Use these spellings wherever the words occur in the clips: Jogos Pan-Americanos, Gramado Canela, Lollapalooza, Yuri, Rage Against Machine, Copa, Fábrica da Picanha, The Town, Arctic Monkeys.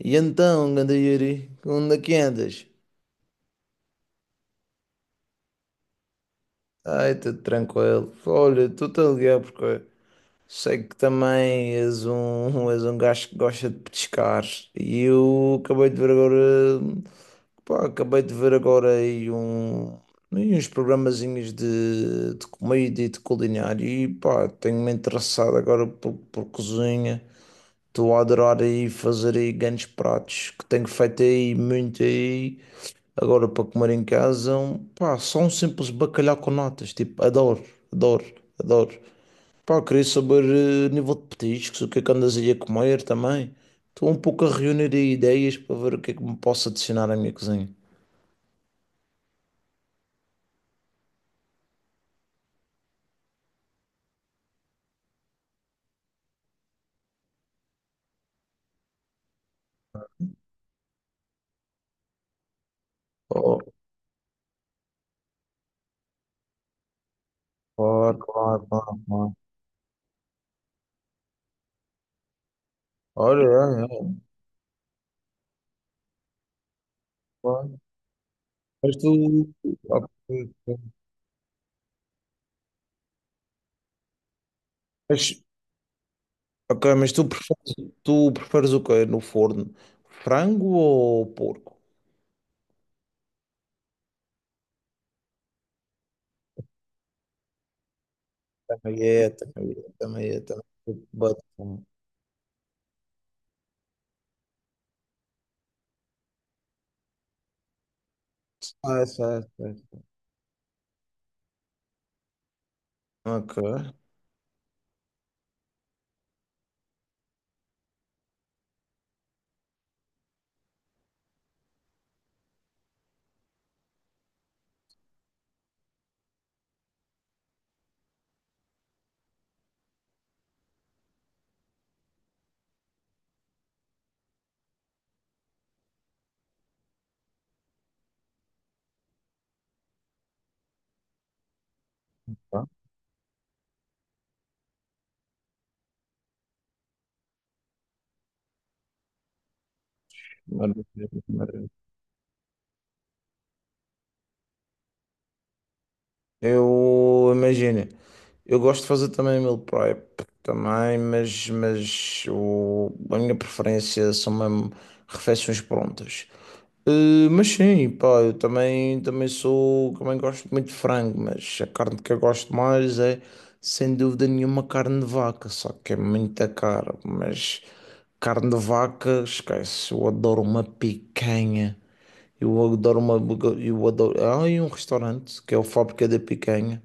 E então, ganda Yuri, onde é que andas? Ai, tudo tranquilo. Olha, estou-te a ligar porque sei que também és um, és um gajo que gosta de pescar. E eu acabei de ver agora, pá, acabei de ver agora aí um, aí uns programazinhos de comida e de culinária. E pá, tenho-me interessado agora por cozinha. Estou a adorar aí fazer aí grandes pratos que tenho feito aí muito aí. Agora, para comer em casa, pá, só um simples bacalhau com natas. Tipo, adoro, adoro, adoro. Pá, queria saber, nível de petiscos, o que é que andas aí a comer também. Estou um pouco a reunir aí ideias para ver o que é que me posso adicionar à minha cozinha. Oh, claro, claro, claro, claro. Olha, é, claro. Mas tu. Ok, mas, ok, mas tu preferes o quê no forno? Frango ou porco? Também é, também é, também é. Também é. Ah, é certo, é certo. Ok. Tá. Maravilha, maravilha. Eu imagino, eu gosto de fazer também meal prep também, mas, mas a minha preferência são mesmo refeições prontas. Mas sim, pá, eu também, também sou, também gosto muito de frango, mas a carne que eu gosto mais é, sem dúvida nenhuma, carne de vaca, só que é muita cara, mas carne de vaca, esquece, eu adoro uma picanha. Eu adoro uma, eu adoro, há aí um restaurante que é o Fábrica da Picanha.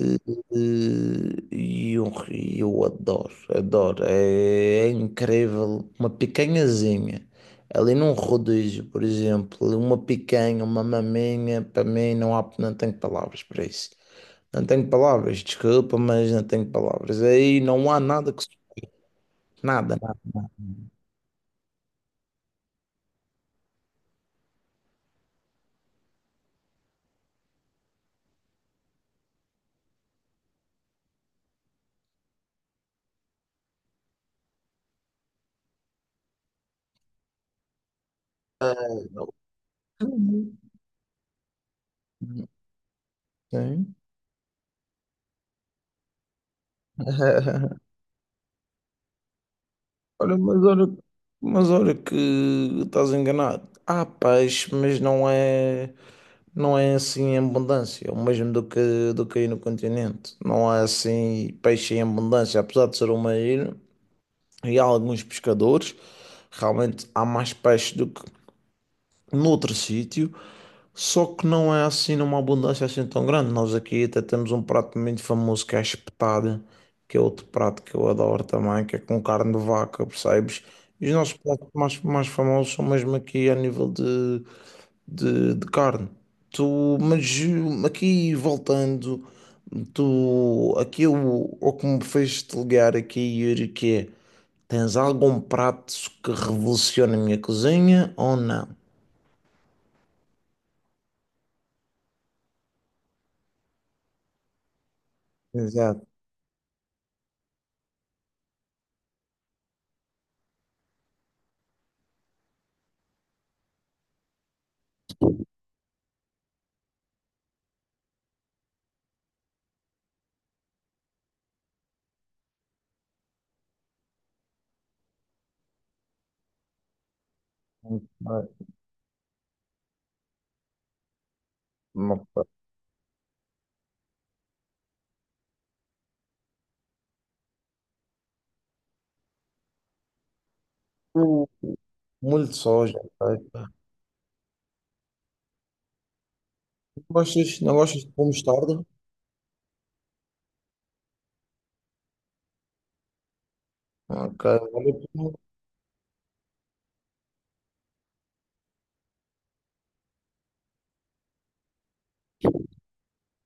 eh, e eu adoro, adoro. É, é incrível. Uma picanhazinha. Ali num rodízio, por exemplo, uma picanha, uma maminha, para mim não há, não tenho palavras para isso. Não tenho palavras, desculpa, mas não tenho palavras. Aí não há nada que. Nada, nada. Sim. Olha, mas olha, mas olha que estás enganado. Há peixe, mas não é, não é assim em abundância, é o mesmo do que aí no continente. Não há assim peixe em abundância, apesar de ser uma ilha e há alguns pescadores, realmente há mais peixe do que noutro sítio, só que não é assim numa abundância assim tão grande. Nós aqui até temos um prato muito famoso que é a espetada, que é outro prato que eu adoro também, que é com carne de vaca, percebes? E os nossos pratos mais, mais famosos são mesmo aqui a nível de carne. Tu, mas aqui voltando, tu, aqui o que me fez te ligar aqui, Yuri, que é, tens algum prato que revolucione a minha cozinha ou não? Exato. Uma. O molho de soja, ok. Não gostas, não gostas de pôr mostarda? Ok, olha,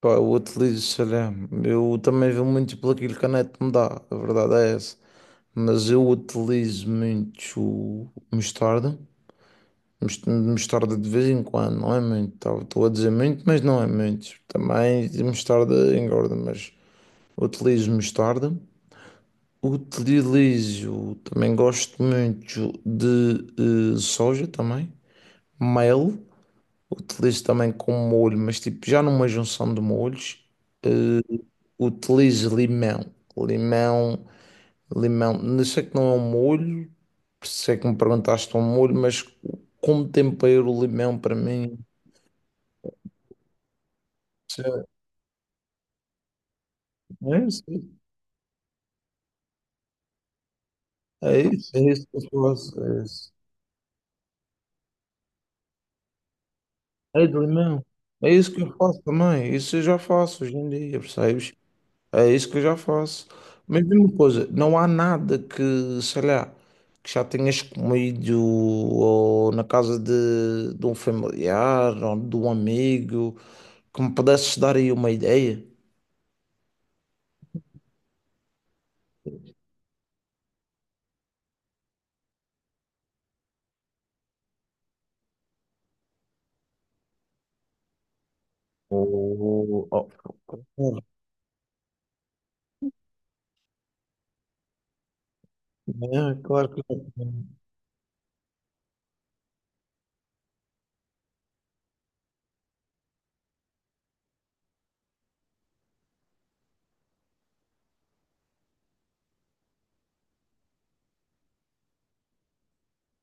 pá, eu utilizo salame. Eu também vou muito pelo aquilo que a net me dá, a verdade é essa. Mas eu utilizo muito mostarda. Mostarda de vez em quando, não é muito, tá? Estou a dizer muito, mas não é muito. Também mostarda engorda, mas utilizo mostarda. Utilizo, também gosto muito de soja também, mel. Utilizo também como molho, mas tipo já numa junção de molhos. eh, Utilizo limão. Limão, limão. Não sei que não é um molho, sei que me perguntaste um molho, mas como tempero o limão para mim. isso É é isso, é isso que eu faço. É isso. É de limão. É isso que eu faço também. Isso eu já faço hoje em dia, percebes? É isso que eu já faço. Mas mesma coisa, não há nada que, sei lá, que já tenhas comido ou na casa de um familiar ou de um amigo que me pudesses dar aí uma ideia. Ou, ou- ou- né? Claro que não.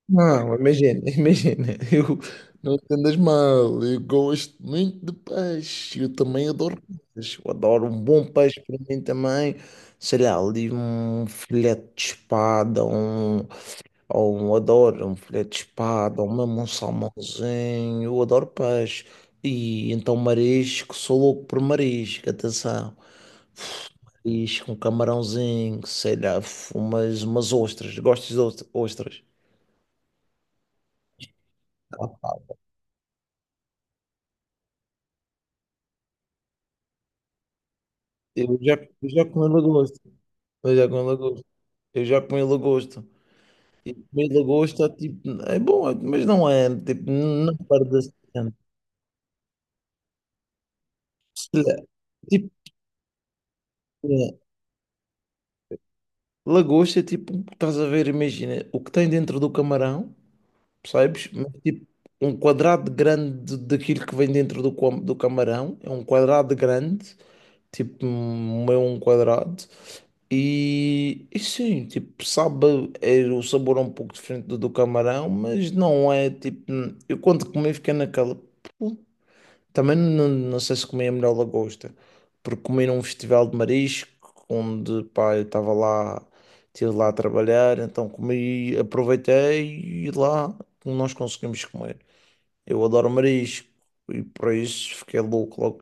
Não, imagina, imagina, eu não te mal, eu gosto muito de peixe, eu também adoro peixe, eu adoro um bom peixe para mim também, sei lá, ali um filete de espada, um, ou um, adoro um filete de espada, ou mesmo um salmãozinho, eu adoro peixe, e então marisco, sou louco por marisco, atenção, marisco, um camarãozinho, sei lá, umas ostras, gostas de ostras? Ostras. Eu já, eu já comi lagosta. Eu já comi lagosta. Eu já comi lagosta. Comi lagosta, tipo, é bom, mas não é, tipo, não perde assim tanto. Sei lá, tipo, é, lagosta é tipo, estás a ver, imagina, o que tem dentro do camarão, percebes? Mas, tipo, um quadrado grande daquilo que vem dentro do, do camarão, é um quadrado grande, tipo um meio um quadrado. E sim, tipo, sabe, é, o sabor é um pouco diferente do camarão, mas não é tipo. Eu quando comi fiquei naquela. "Pô". Também não, não sei se comi a melhor lagosta, porque comi num festival de marisco, onde pá, eu estava lá, estive lá a trabalhar, então comi, aproveitei e lá nós conseguimos comer. Eu adoro marisco e por isso fiquei louco logo.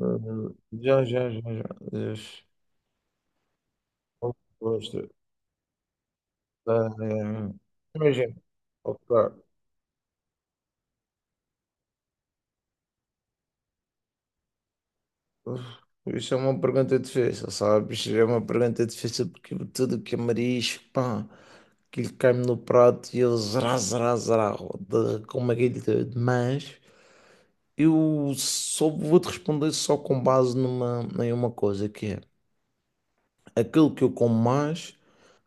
Ee, Já já já já. Yes. Bom, işte. Ee, Imagina, opa, uf, isso é uma pergunta difícil, sabes? É uma pergunta difícil porque tudo que é marisco, pá, que lhe cai no prato e eu zerá, zerá, zerá, como aquele de mas eu só vou te responder só com base numa, em uma coisa que é. Aquele que eu como mais,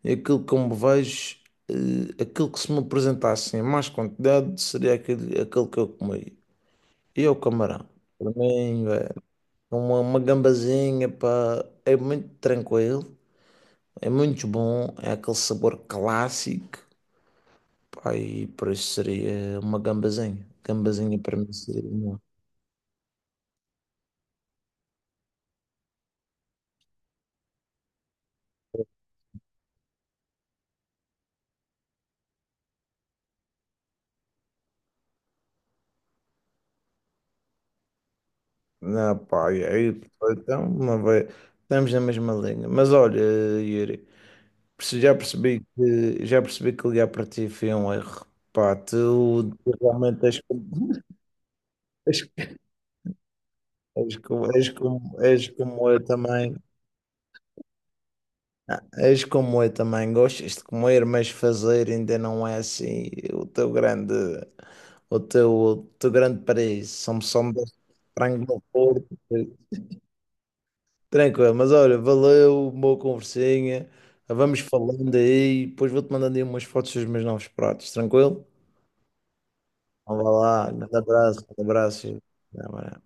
é aquele que eu me vejo, aquele que se me apresentasse em mais quantidade seria aquele, aquele que eu comi. E é o camarão. Para mim, é uma gambazinha, pá, é muito tranquilo, é muito bom, é aquele sabor clássico, pá, e por isso seria uma gambazinha. Gambazinha para mim seria uma. Não, pá, e aí, então, uma vez, estamos na mesma linha. Mas olha, Yuri. Já percebi que ligar para ti foi um erro. Pá, tu realmente és como, és, és como, és como, és como eu também. Ah, és como eu também. Gostas de comer, mas fazer ainda não é assim o teu grande paraíso. São só me deste frango no Porto. Tranquilo, mas olha, valeu, boa conversinha. Vamos falando aí, depois vou-te mandando aí umas fotos dos meus novos pratos, tranquilo? Então, vai lá. Um grande abraço, um grande abraço. Até amanhã.